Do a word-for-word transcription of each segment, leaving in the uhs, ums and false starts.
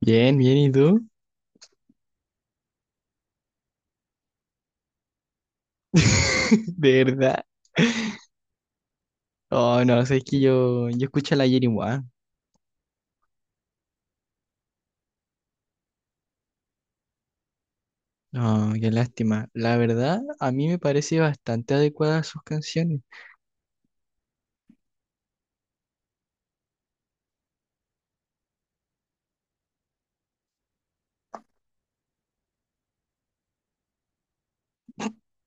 Bien, bien, ¿y tú? ¿De verdad? Oh, no, sé, es que yo, yo escucho a la Yeri Wah. No, qué lástima. La verdad, a mí me parece bastante adecuada sus canciones.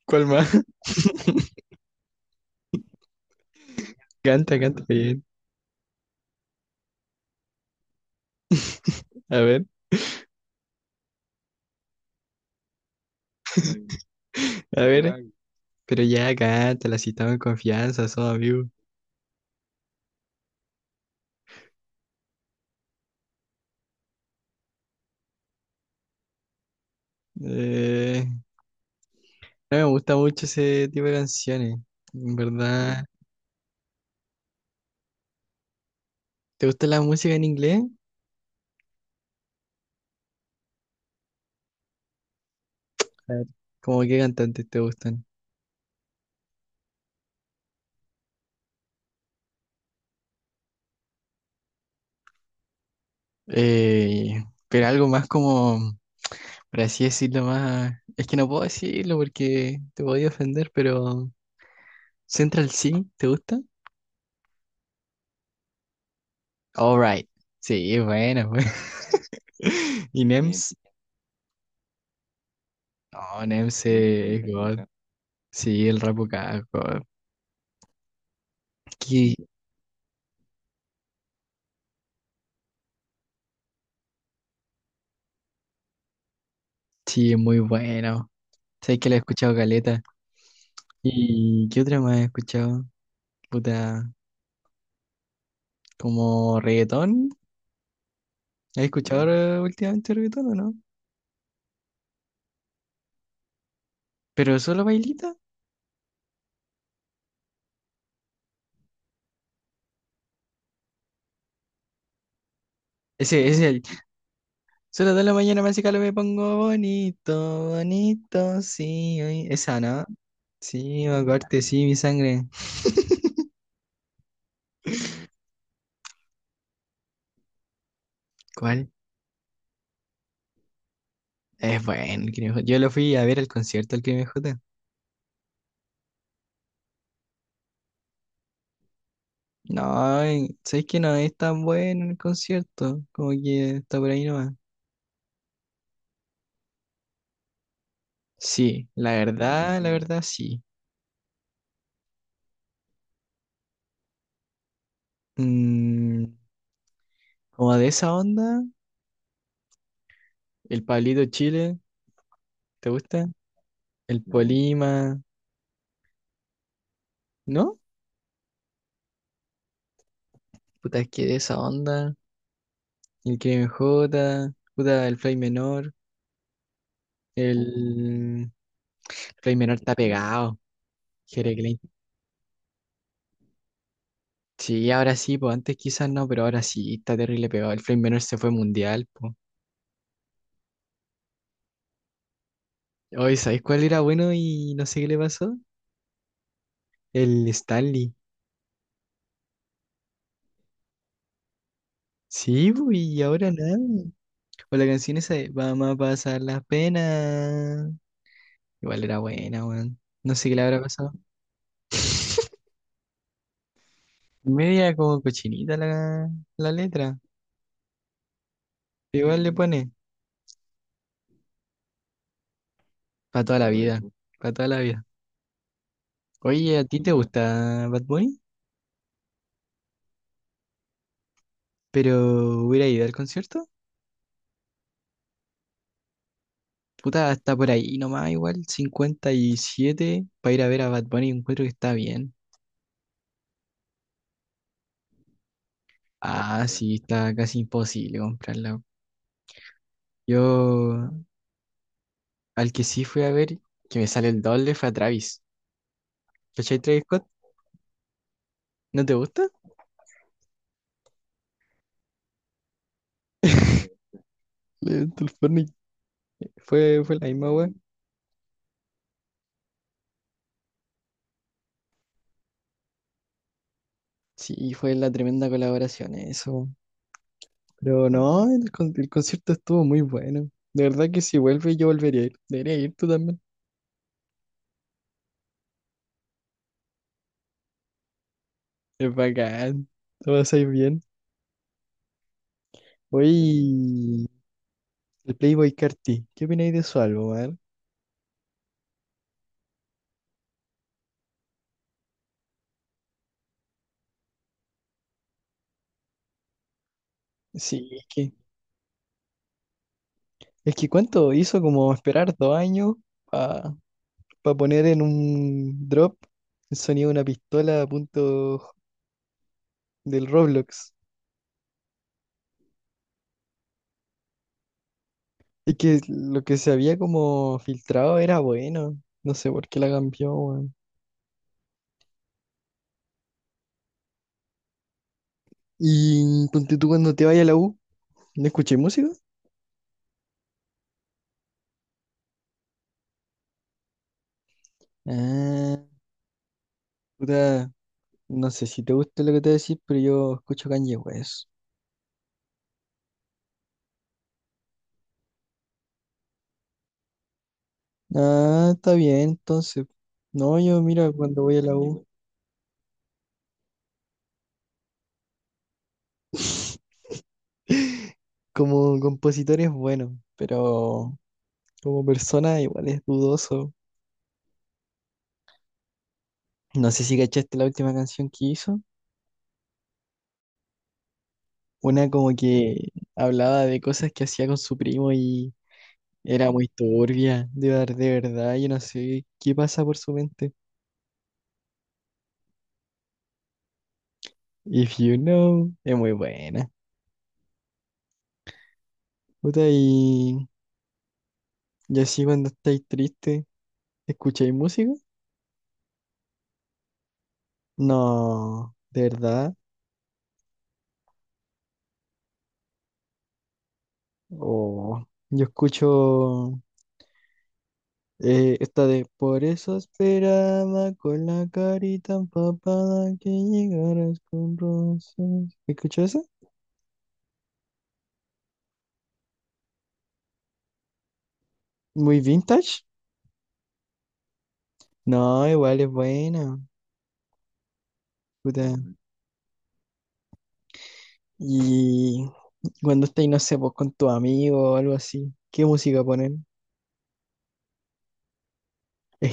¿Cuál más? Canta, canta bien. A ver, a ver. Pero ya canta, la citamos en confianza, somos amigos. Eh, no me gusta mucho ese tipo de canciones, en verdad. ¿Te gusta la música en inglés? A ver, ¿cómo qué cantantes te gustan? Eh, pero algo más como... Por así decirlo más. Es que no puedo decirlo porque te podía ofender, pero. Central C, ¿te gusta? Alright. Sí, bueno pues. ¿Y sí, N E M S? No, N E M S sí, es me God. Gusta. Sí, el rap acá es God. Que- sí, es muy bueno. Sabes que lo he escuchado caleta. ¿Y qué otra más he escuchado? Puta, como reggaetón. ¿Has escuchado mm. ahora últimamente reggaetón o no? ¿Pero solo bailita? Ese, ese solo de la mañana me hace calor, me pongo bonito, bonito, sí. Ay. Esa, ¿no? Sí, me acuerdo, sí, mi sangre. ¿Cuál? Es bueno el Crimen J. Yo lo fui a ver al concierto del Crimen J. No, eh, ¿sabes que no es tan bueno el concierto? Como que está por ahí nomás. Sí, la verdad, la verdad, sí. Mm, como de esa onda, el Pablito Chile, ¿te gusta? El no. Polima, ¿no? Puta, es que de esa onda, el Crimen J, puta, el Fly Menor. El Rey Menor está pegado. Jere Klein. Sí, ahora sí, pues antes quizás no, pero ahora sí está terrible pegado. El Flame Menor se fue mundial, pues. Oye, ¿sabes cuál era bueno y no sé qué le pasó? El Stanley. Sí, pues, y ahora nada. O la canción esa de vamos a pasar las penas. Igual era buena, weón. No sé qué le habrá pasado. Media como cochinita la, la letra. Igual le pone. Para toda la vida. Para toda la vida. Oye, ¿a ti te gusta Bad Bunny? Pero hubiera ido al concierto. Puta, está por ahí nomás igual, cincuenta y siete para ir a ver a Bad Bunny, encuentro que está bien. Ah, sí, está casi imposible comprarla. Yo al que sí fui a ver, que me sale el doble, fue a Travis. ¿Cachai Travis Scott? ¿No te gusta? Le- del Fortnite. Fue, fue la misma web. Sí, fue la tremenda colaboración eso. Pero no, el, con- el concierto estuvo muy bueno. De verdad que si vuelve yo volvería a ir. Debería ir tú también. Es bacán. Lo pasáis bien. Oye, el Playboy Carti, ¿qué opináis de su álbum, man? Sí, es que, es que cuánto hizo como esperar dos años para poner en un drop el sonido de una pistola a punto del Roblox. Y que lo que se había como filtrado era bueno. No sé por qué la cambió, weón. Y ponte tú cuando te vayas a la U, ¿no escuché música? Ah, puta, no sé si te gusta lo que te voy a decir, pero yo escucho Kanye West. Ah, está bien, entonces. No, yo mira, cuando voy a la U, como compositor es bueno, pero como persona igual es dudoso. No sé si cachaste la última canción que hizo. Una como que hablaba de cosas que hacía con su primo y era muy turbia, de, ver- de verdad, yo no sé qué pasa por su mente. If you know, es muy buena. Puta, y, y así cuando estáis triste, ¿escucháis música? No, de verdad. Oh, yo escucho eh, esta de por eso esperaba con la carita empapada que llegaras con rosas. ¿Escuchó esa? ¿Muy vintage? No, igual es buena. Puta. Y cuando estáis, no sé, pues con tu amigo o algo así, ¿qué música ponen?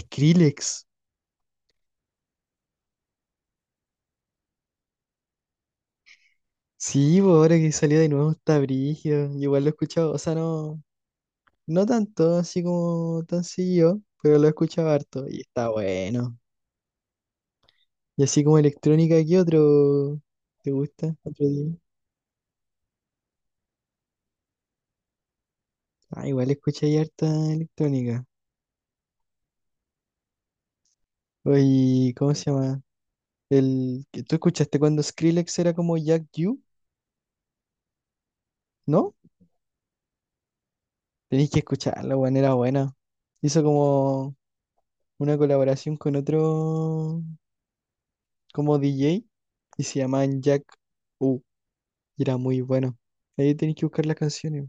Skrillex. Sí, pues ahora que salió de nuevo está brígido. Yo igual lo he escuchado, o sea, no, no tanto, así como tan seguido, pero lo he escuchado harto y está bueno. Y así como electrónica, ¿qué otro te gusta? ¿Otro día? Ah, igual escuché harta electrónica. Oye, ¿cómo se llama? El que tú escuchaste cuando Skrillex era como Jack U, ¿no? Tenéis que escucharlo, weón, era buena. Hizo como una colaboración con otro como D J y se llamaban Jack U y era muy bueno. Ahí tenéis que buscar las canciones.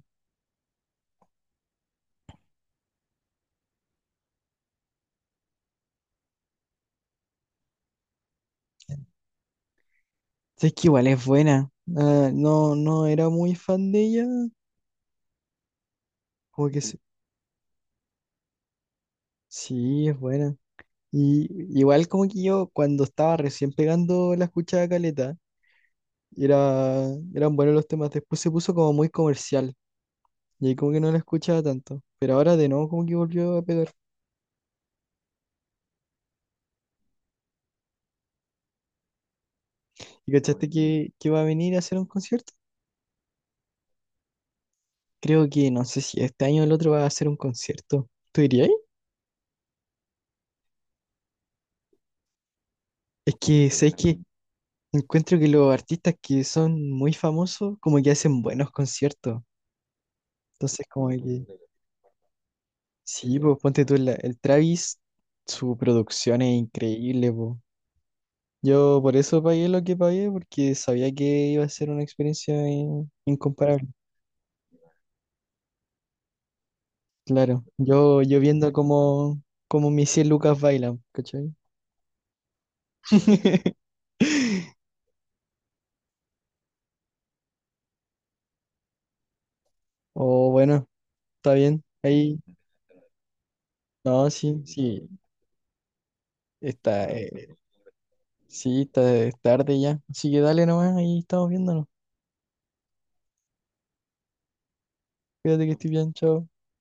Es que igual es buena. Ah, no, no era muy fan de ella. Como que se- sí, es buena. Y igual como que yo cuando estaba recién pegando la escuchada caleta, era, eran buenos los temas. Después se puso como muy comercial y ahí como que no la escuchaba tanto. Pero ahora de nuevo como que volvió a pegar. ¿Y cachaste que, que va a venir a hacer un concierto? Creo que no sé si este año o el otro va a hacer un concierto. ¿Tú dirías? Es que sabes que encuentro que los artistas que son muy famosos como que hacen buenos conciertos. Entonces como que sí, pues ponte tú la- el Travis, su producción es increíble, pues. Yo por eso pagué lo que pagué, porque sabía que iba a ser una experiencia in- incomparable. Claro, yo, yo viendo cómo, cómo mis cien lucas bailan, ¿cachai? O bueno, está bien. Ahí, no, sí, sí, está, eh, sí, está es tarde ya. Así que dale nomás, ahí estamos viéndonos. Cuídate que estoy bien, chao.